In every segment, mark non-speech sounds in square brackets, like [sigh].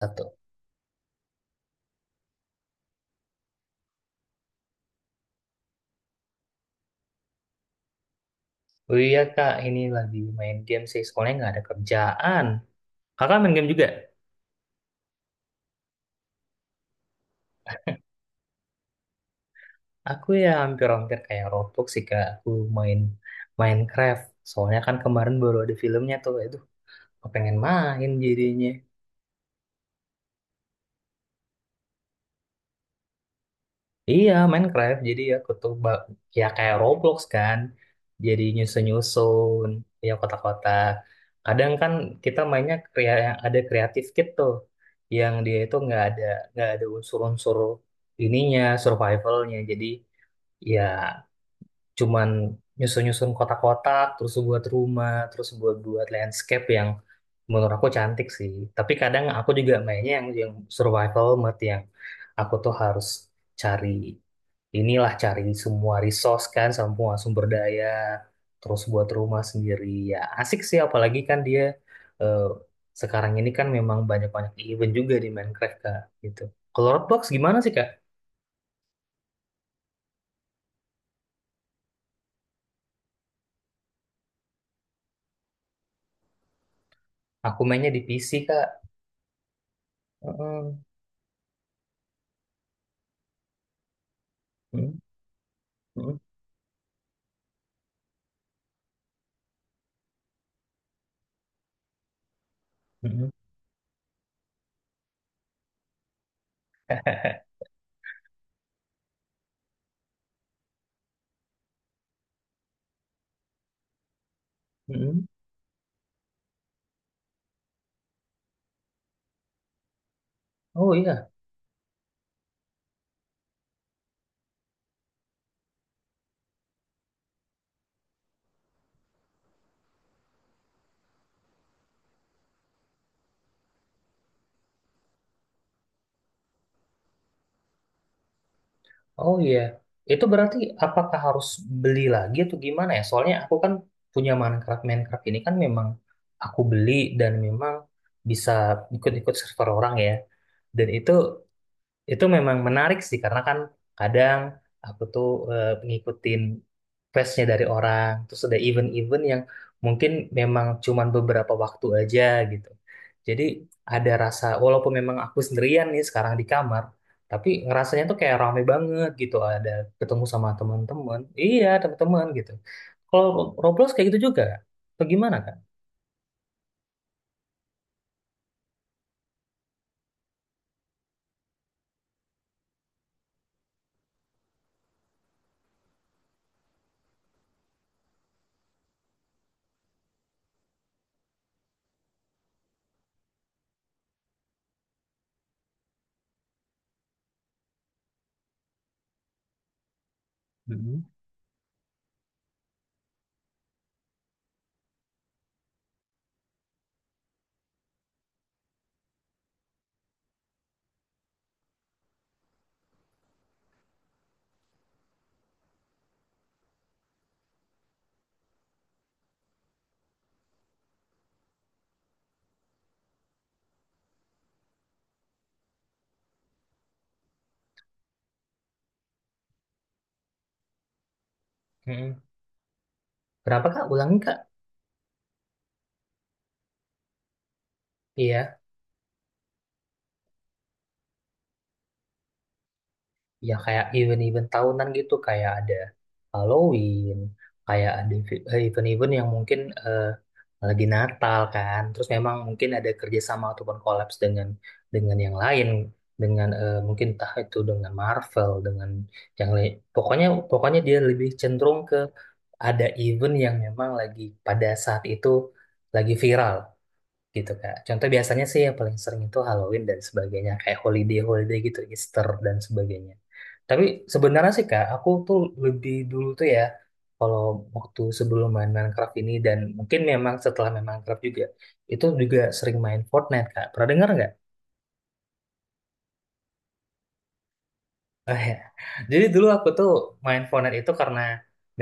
Satu. Oh iya kak, ini lagi main game sih. Soalnya nggak ada kerjaan. Kakak main game juga? Aku ya hampir-hampir kayak Roblox sih kak. Aku main Minecraft. Soalnya kan kemarin baru ada filmnya tuh. Itu pengen main jadinya. Iya, Minecraft. Jadi ya kayak Roblox kan. Jadi nyusun-nyusun, ya kota-kota. Kadang kan kita ada kreatif kit tuh, yang dia itu nggak ada unsur-unsur ininya survivalnya. Jadi ya cuman nyusun-nyusun kotak-kotak, terus buat rumah, terus buat buat landscape yang menurut aku cantik sih. Tapi kadang aku juga mainnya yang survival mode yang aku tuh harus cari inilah, cari semua resource kan, semua sumber daya, terus buat rumah sendiri. Ya asik sih, apalagi kan dia eh, sekarang ini kan memang banyak-banyak event juga di Minecraft kak gitu. Kalau Roblox gimana sih kak? Aku mainnya di PC kak. Heeh. Heeh. Heeh. Heeh. Heeh. [laughs] Oh iya. Oh iya, itu berarti apakah harus beli lagi atau gimana ya? Soalnya aku kan punya Minecraft, Minecraft ini kan memang aku beli dan memang bisa ikut-ikut server orang ya. Dan itu memang menarik sih karena kan kadang aku tuh ngikutin questnya dari orang, terus ada event-event yang mungkin memang cuman beberapa waktu aja gitu. Jadi ada rasa, walaupun memang aku sendirian nih sekarang di kamar, tapi ngerasanya tuh kayak rame banget gitu, ada ketemu sama teman-teman. Iya, teman-teman gitu. Kalau Roblox kayak gitu juga, atau gimana Kak? Mm-mm. Mm-mm. Berapa Kak? Ulangi Kak? Iya. Ya kayak event-event tahunan gitu, kayak ada Halloween, kayak ada event-event yang mungkin eh, lagi Natal kan, terus memang mungkin ada kerjasama ataupun kolaps dengan yang lain, dengan mungkin entah itu dengan Marvel dengan yang lain, pokoknya pokoknya dia lebih cenderung ke ada event yang memang lagi pada saat itu lagi viral gitu kak. Contoh biasanya sih yang paling sering itu Halloween dan sebagainya, kayak holiday holiday gitu, Easter dan sebagainya. Tapi sebenarnya sih Kak, aku tuh lebih dulu tuh ya, kalau waktu sebelum main Minecraft ini dan mungkin memang setelah main Minecraft juga, itu juga sering main Fortnite Kak. Pernah dengar nggak? Oh, ya. Jadi dulu aku tuh main Fortnite itu karena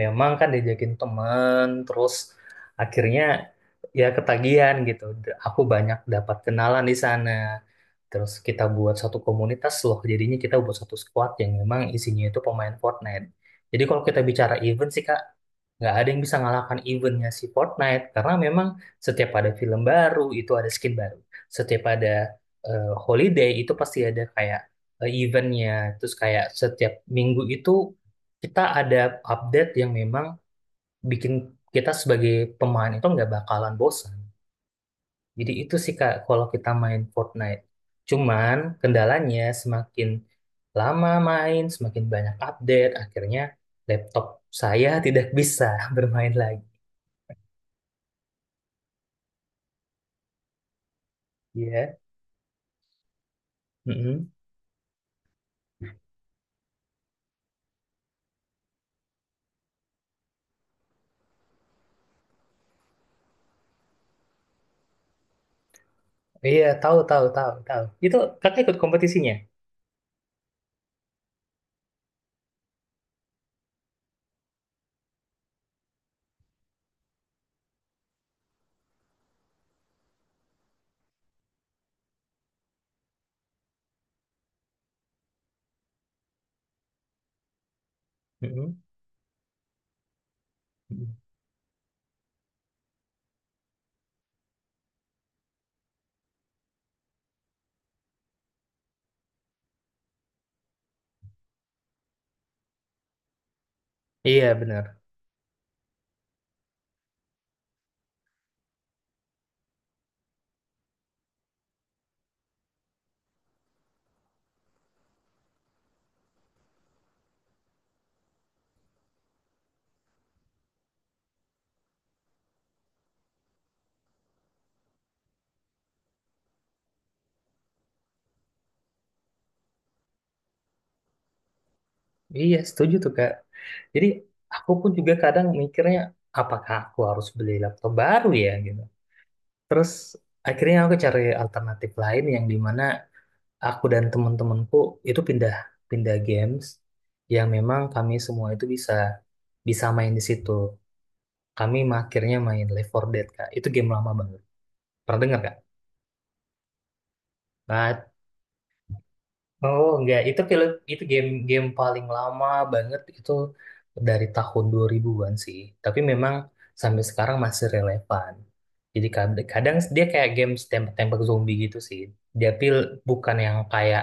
memang kan diajakin temen, terus akhirnya ya ketagihan gitu. Aku banyak dapat kenalan di sana. Terus kita buat satu komunitas loh, jadinya kita buat satu squad yang memang isinya itu pemain Fortnite. Jadi kalau kita bicara event sih Kak, nggak ada yang bisa ngalahkan eventnya si Fortnite karena memang setiap ada film baru itu ada skin baru. Setiap ada holiday itu pasti ada kayak eventnya. Terus kayak setiap minggu itu kita ada update yang memang bikin kita sebagai pemain itu nggak bakalan bosan. Jadi itu sih Kak kalau kita main Fortnite. Cuman kendalanya semakin lama main, semakin banyak update, akhirnya laptop saya tidak bisa [laughs] bermain lagi. Ya. Mm-mm. Iya, tahu tahu tahu tahu. Itu kakak ikut kompetisinya. Mm-mm. Mm-mm. Iya benar. Iya, setuju tuh Kak. Jadi aku pun juga kadang mikirnya apakah aku harus beli laptop baru ya gitu. Terus akhirnya aku cari alternatif lain yang dimana aku dan teman-temanku itu pindah pindah games yang memang kami semua itu bisa bisa main di situ. Kami akhirnya main Left 4 Dead Kak. Itu game lama banget. Pernah dengar Kak? Nah, oh enggak, itu film itu game game paling lama banget itu dari tahun 2000-an sih. Tapi memang sampai sekarang masih relevan. Jadi kadang, dia kayak game tembak-tembak zombie gitu sih. Dia pil Bukan yang kayak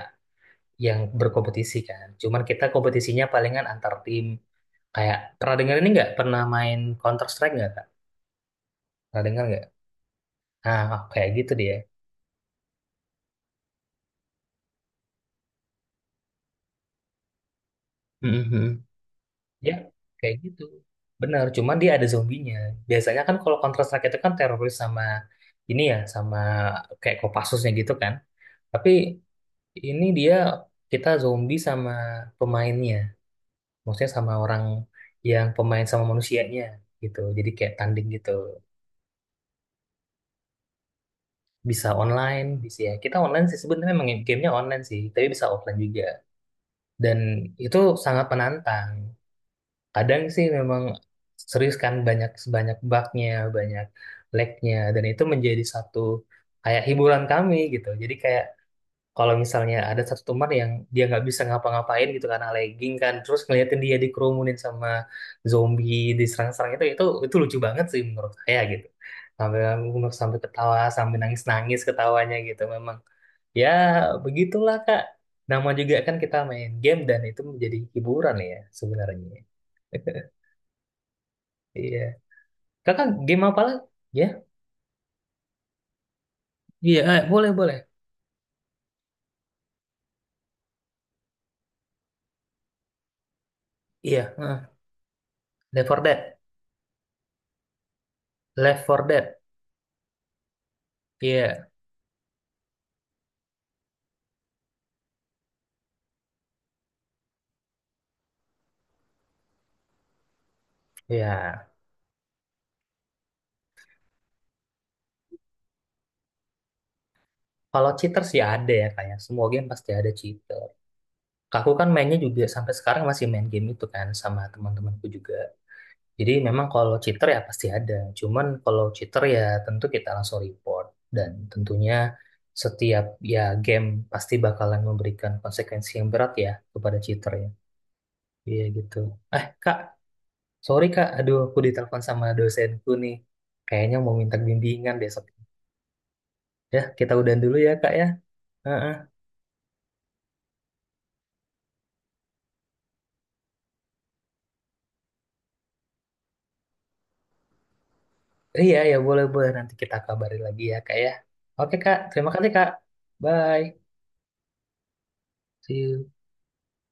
yang berkompetisi kan. Cuman kita kompetisinya palingan antar tim. Kayak pernah dengar ini nggak? Pernah main Counter Strike nggak, Kak? Pernah dengar nggak? Nah, kayak gitu dia. Mhm. Ya, kayak gitu. Benar, cuman dia ada zombinya. Biasanya kan kalau Counter Strike itu kan teroris sama ini ya, sama kayak Kopassusnya gitu kan. Tapi ini dia kita zombie sama pemainnya. Maksudnya sama orang yang pemain sama manusianya gitu. Jadi kayak tanding gitu. Bisa online, bisa ya. Kita online sih sebenarnya, memang gamenya online sih, tapi bisa offline juga. Dan itu sangat menantang. Kadang sih memang serius kan, banyak sebanyak bugnya, banyak lagnya, dan itu menjadi satu kayak hiburan kami gitu. Jadi kayak kalau misalnya ada satu teman yang dia nggak bisa ngapa-ngapain gitu karena lagging kan, terus ngeliatin dia dikerumunin sama zombie, diserang-serang, itu itu lucu banget sih menurut saya gitu. Sampai sampai ketawa sampai nangis-nangis ketawanya gitu. Memang ya begitulah Kak, nama juga kan kita main game, dan itu menjadi hiburan ya sebenarnya. Iya. Kakak game apa lagi? Ya, iya, eh, boleh boleh. Iya, heeh. Left 4 Dead, Left 4 Dead. Iya, iya. Kalau cheater sih ada ya, kayak semua game pasti ada cheater. Aku kan mainnya juga sampai sekarang masih main game itu kan sama teman-temanku juga. Jadi memang kalau cheater ya pasti ada. Cuman kalau cheater ya tentu kita langsung report, dan tentunya setiap ya game pasti bakalan memberikan konsekuensi yang berat ya kepada cheater ya. Iya gitu. Eh, Kak, sorry Kak, aduh aku ditelepon sama dosenku nih. Kayaknya mau minta bimbingan besok. Ya, kita udahan dulu ya Kak ya. Heeh. Iya, ya boleh-boleh. Nanti kita kabari lagi ya Kak ya. Oke Kak, terima kasih Kak. Bye. See you.